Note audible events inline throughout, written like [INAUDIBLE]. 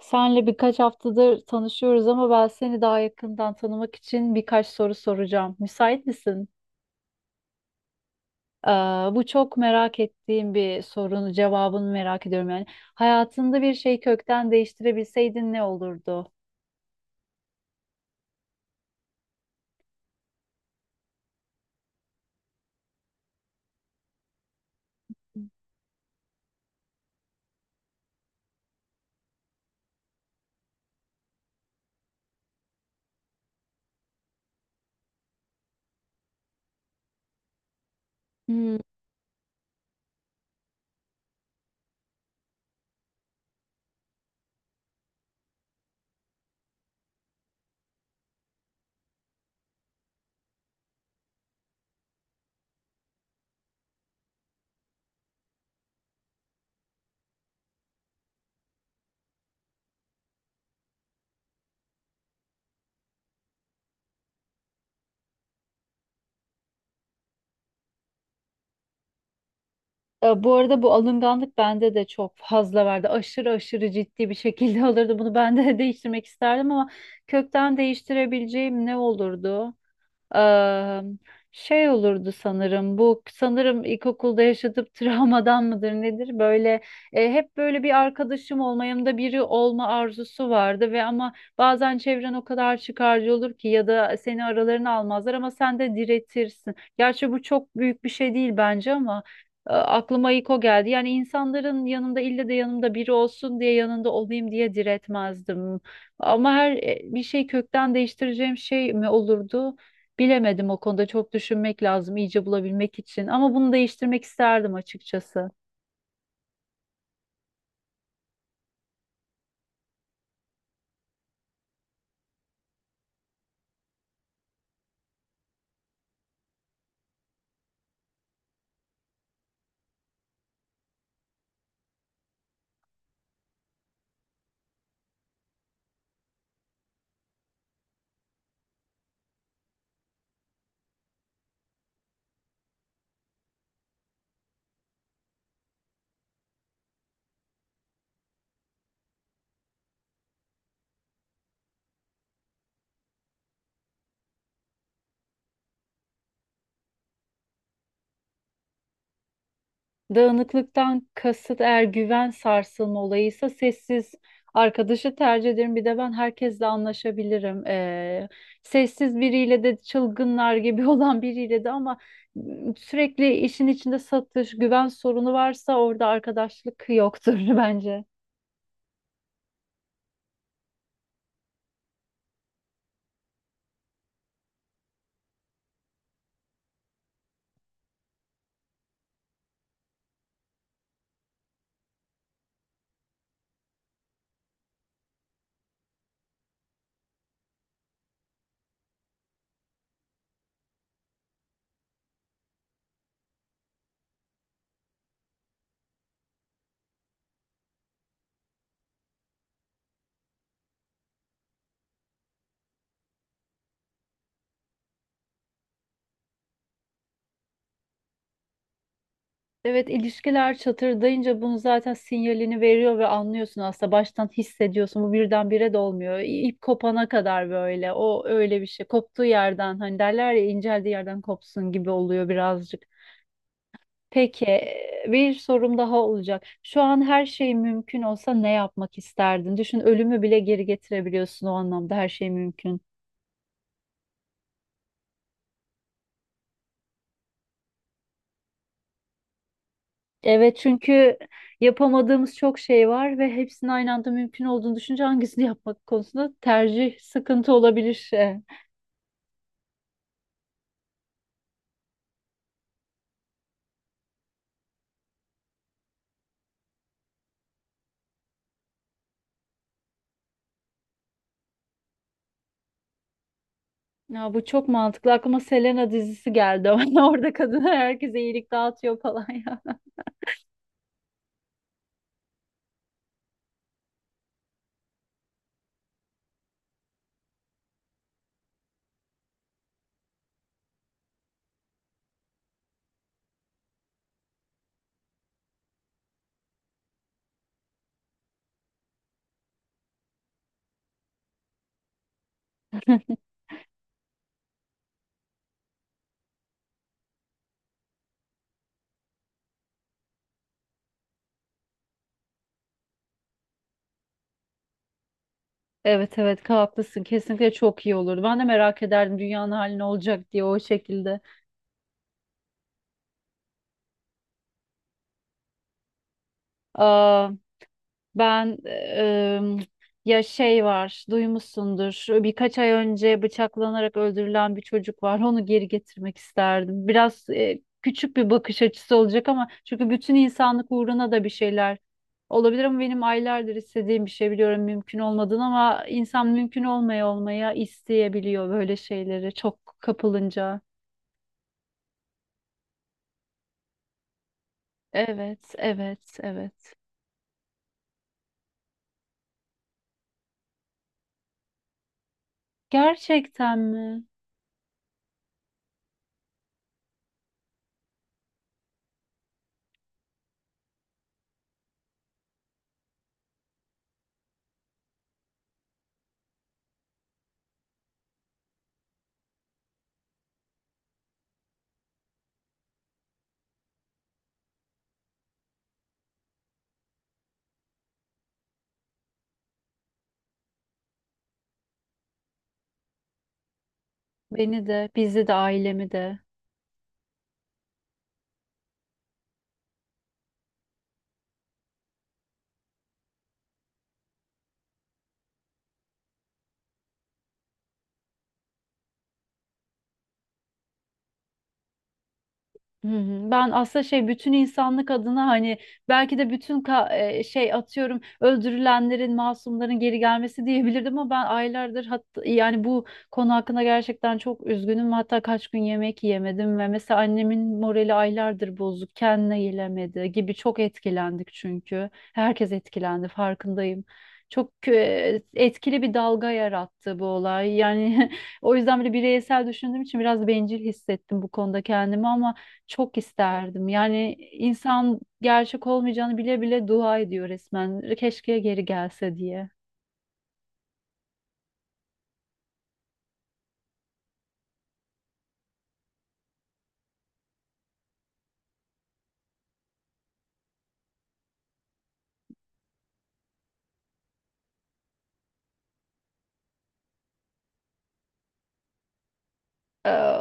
Senle birkaç haftadır tanışıyoruz ama ben seni daha yakından tanımak için birkaç soru soracağım. Müsait misin? Ee, Bu çok merak ettiğim bir sorunun cevabını merak ediyorum yani. Hayatında bir şey kökten değiştirebilseydin ne olurdu? Hmm. Bu arada bu alınganlık bende de çok fazla vardı. Aşırı aşırı ciddi bir şekilde [LAUGHS] olurdu. Bunu ben de [LAUGHS] değiştirmek isterdim ama kökten değiştirebileceğim ne olurdu? Eee, Şey olurdu sanırım, bu sanırım ilkokulda yaşadığım [LAUGHS] travmadan mıdır nedir, böyle hep böyle bir arkadaşım olma, yanımda biri olma arzusu vardı ve ama bazen çevren o kadar çıkarcı olur ki ya da seni aralarına almazlar ama sen de diretirsin. Gerçi bu çok büyük bir şey değil bence ama aklıma ilk o geldi. Yani insanların yanında ille de yanımda biri olsun diye, yanında olayım diye diretmezdim. Ama her bir şey kökten değiştireceğim şey mi olurdu? Bilemedim, o konuda çok düşünmek lazım iyice bulabilmek için ama bunu değiştirmek isterdim açıkçası. Dağınıklıktan kasıt eğer güven sarsılma olayıysa sessiz arkadaşı tercih ederim. Bir de ben herkesle anlaşabilirim. Sessiz biriyle de çılgınlar gibi [LAUGHS] olan biriyle de ama sürekli işin içinde satış, güven sorunu varsa orada arkadaşlık yoktur [LAUGHS] bence. Evet, ilişkiler çatırdayınca bunu zaten sinyalini veriyor ve anlıyorsun, aslında baştan hissediyorsun, bu birdenbire de olmuyor. İp kopana kadar böyle, o öyle bir şey koptuğu yerden, hani derler ya inceldiği yerden kopsun gibi oluyor birazcık. Peki bir sorum daha olacak. Şu an her şey mümkün olsa ne yapmak isterdin? Düşün, ölümü bile geri getirebiliyorsun, o anlamda her şey mümkün. Evet, çünkü yapamadığımız çok şey var ve hepsinin aynı anda mümkün olduğunu düşünce hangisini [LAUGHS] yapmak konusunda tercih sıkıntı olabilir. Ya, bu çok mantıklı. Aklıma Selena dizisi geldi ama [LAUGHS] orada kadına, herkese iyilik dağıtıyor falan ya. Evet, evet, haklısın. Kesinlikle çok iyi olurdu. Ben de merak ederdim dünyanın hali ne olacak diye, o şekilde. Ben ya şey var, duymuşsundur. Birkaç ay önce bıçaklanarak öldürülen bir çocuk var. Onu geri getirmek isterdim. Biraz küçük bir bakış açısı olacak ama, çünkü bütün insanlık uğruna da bir şeyler olabilir ama benim aylardır istediğim bir şey, biliyorum mümkün olmadığını ama insan mümkün olmaya olmaya isteyebiliyor böyle şeyleri çok kapılınca. Evet, evet, evet. Gerçekten mi? Beni de, bizi de, ailemi de. Hı hı. Ben aslında şey, bütün insanlık adına hani belki de şey, atıyorum öldürülenlerin, masumların geri gelmesi diyebilirdim ama ben aylardır, hatta yani bu konu hakkında gerçekten çok üzgünüm, hatta kaç gün yemek yemedim ve mesela annemin morali aylardır bozuk, kendine gelemedi gibi. Çok etkilendik çünkü herkes etkilendi, farkındayım. Çok etkili bir dalga yarattı bu olay yani [LAUGHS] o yüzden bile bireysel düşündüğüm için biraz bencil hissettim bu konuda kendimi ama çok isterdim. Yani insan gerçek olmayacağını bile bile dua ediyor resmen. Keşke geri gelse diye. Ee,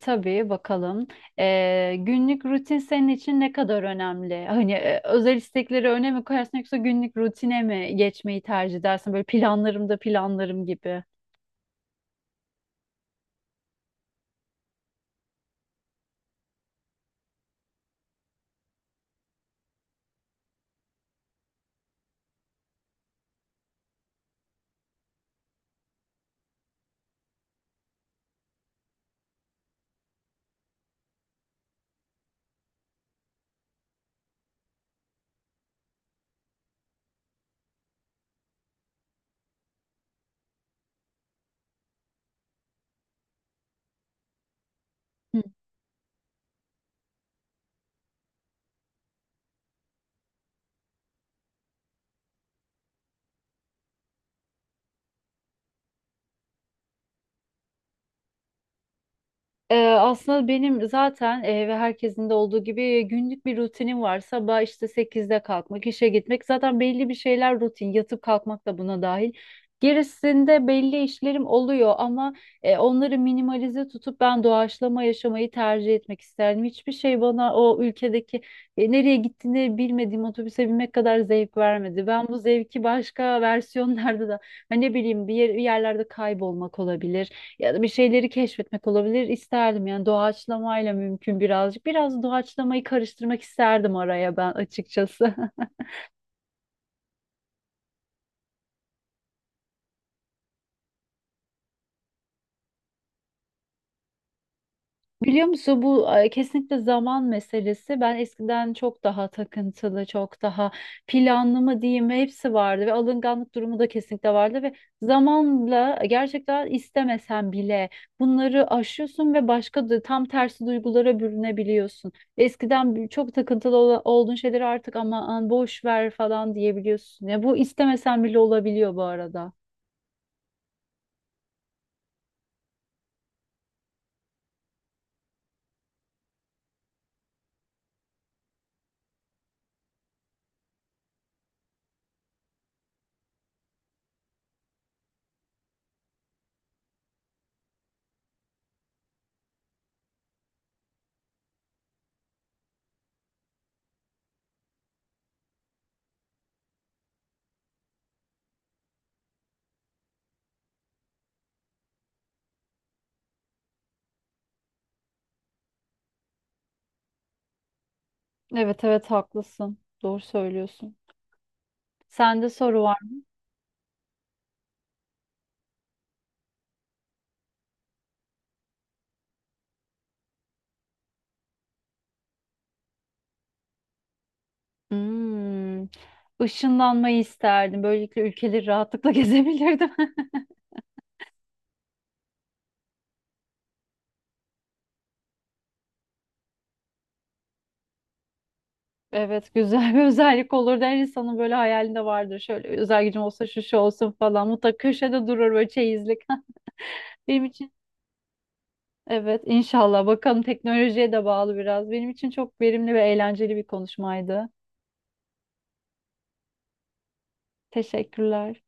tabii, bakalım. Günlük rutin senin için ne kadar önemli? Hani özel istekleri öne mi koyarsın yoksa günlük rutine mi geçmeyi tercih edersin? Böyle planlarım da planlarım gibi. Aslında benim zaten ve herkesin de olduğu gibi günlük bir rutinim var. Sabah işte sekizde kalkmak, işe gitmek. Zaten belli bir şeyler rutin. Yatıp kalkmak da buna dahil. Gerisinde belli işlerim oluyor ama onları minimalize tutup ben doğaçlama yaşamayı tercih etmek isterdim. Hiçbir şey bana o ülkedeki nereye gittiğini bilmediğim otobüse binmek kadar zevk vermedi. Ben bu zevki başka versiyonlarda da hani ne bileyim bir yerlerde kaybolmak olabilir ya da bir şeyleri keşfetmek olabilir, isterdim. Yani doğaçlamayla mümkün birazcık. Biraz doğaçlamayı karıştırmak isterdim araya ben açıkçası. [LAUGHS] Biliyor musun, bu kesinlikle zaman meselesi. Ben eskiden çok daha takıntılı, çok daha planlı mı diyeyim, hepsi vardı ve alınganlık durumu da kesinlikle vardı ve zamanla gerçekten istemesen bile bunları aşıyorsun ve başka, da tam tersi duygulara bürünebiliyorsun. Eskiden çok takıntılı olduğun şeyleri artık aman boş ver falan diyebiliyorsun. Ya bu istemesen bile olabiliyor bu arada. Evet, evet, haklısın. Doğru söylüyorsun. Sende soru var. Hmm. Işınlanmayı isterdim. Böylelikle ülkeleri rahatlıkla [LAUGHS] gezebilirdim. Evet, güzel bir özellik olurdu. Her insanın böyle hayalinde vardır. Şöyle özel gücüm olsa şu şu olsun falan. Mutlaka köşede durur böyle, çeyizlik. [LAUGHS] Benim için evet, inşallah. Bakalım, teknolojiye de bağlı biraz. Benim için çok verimli ve eğlenceli bir konuşmaydı. Teşekkürler.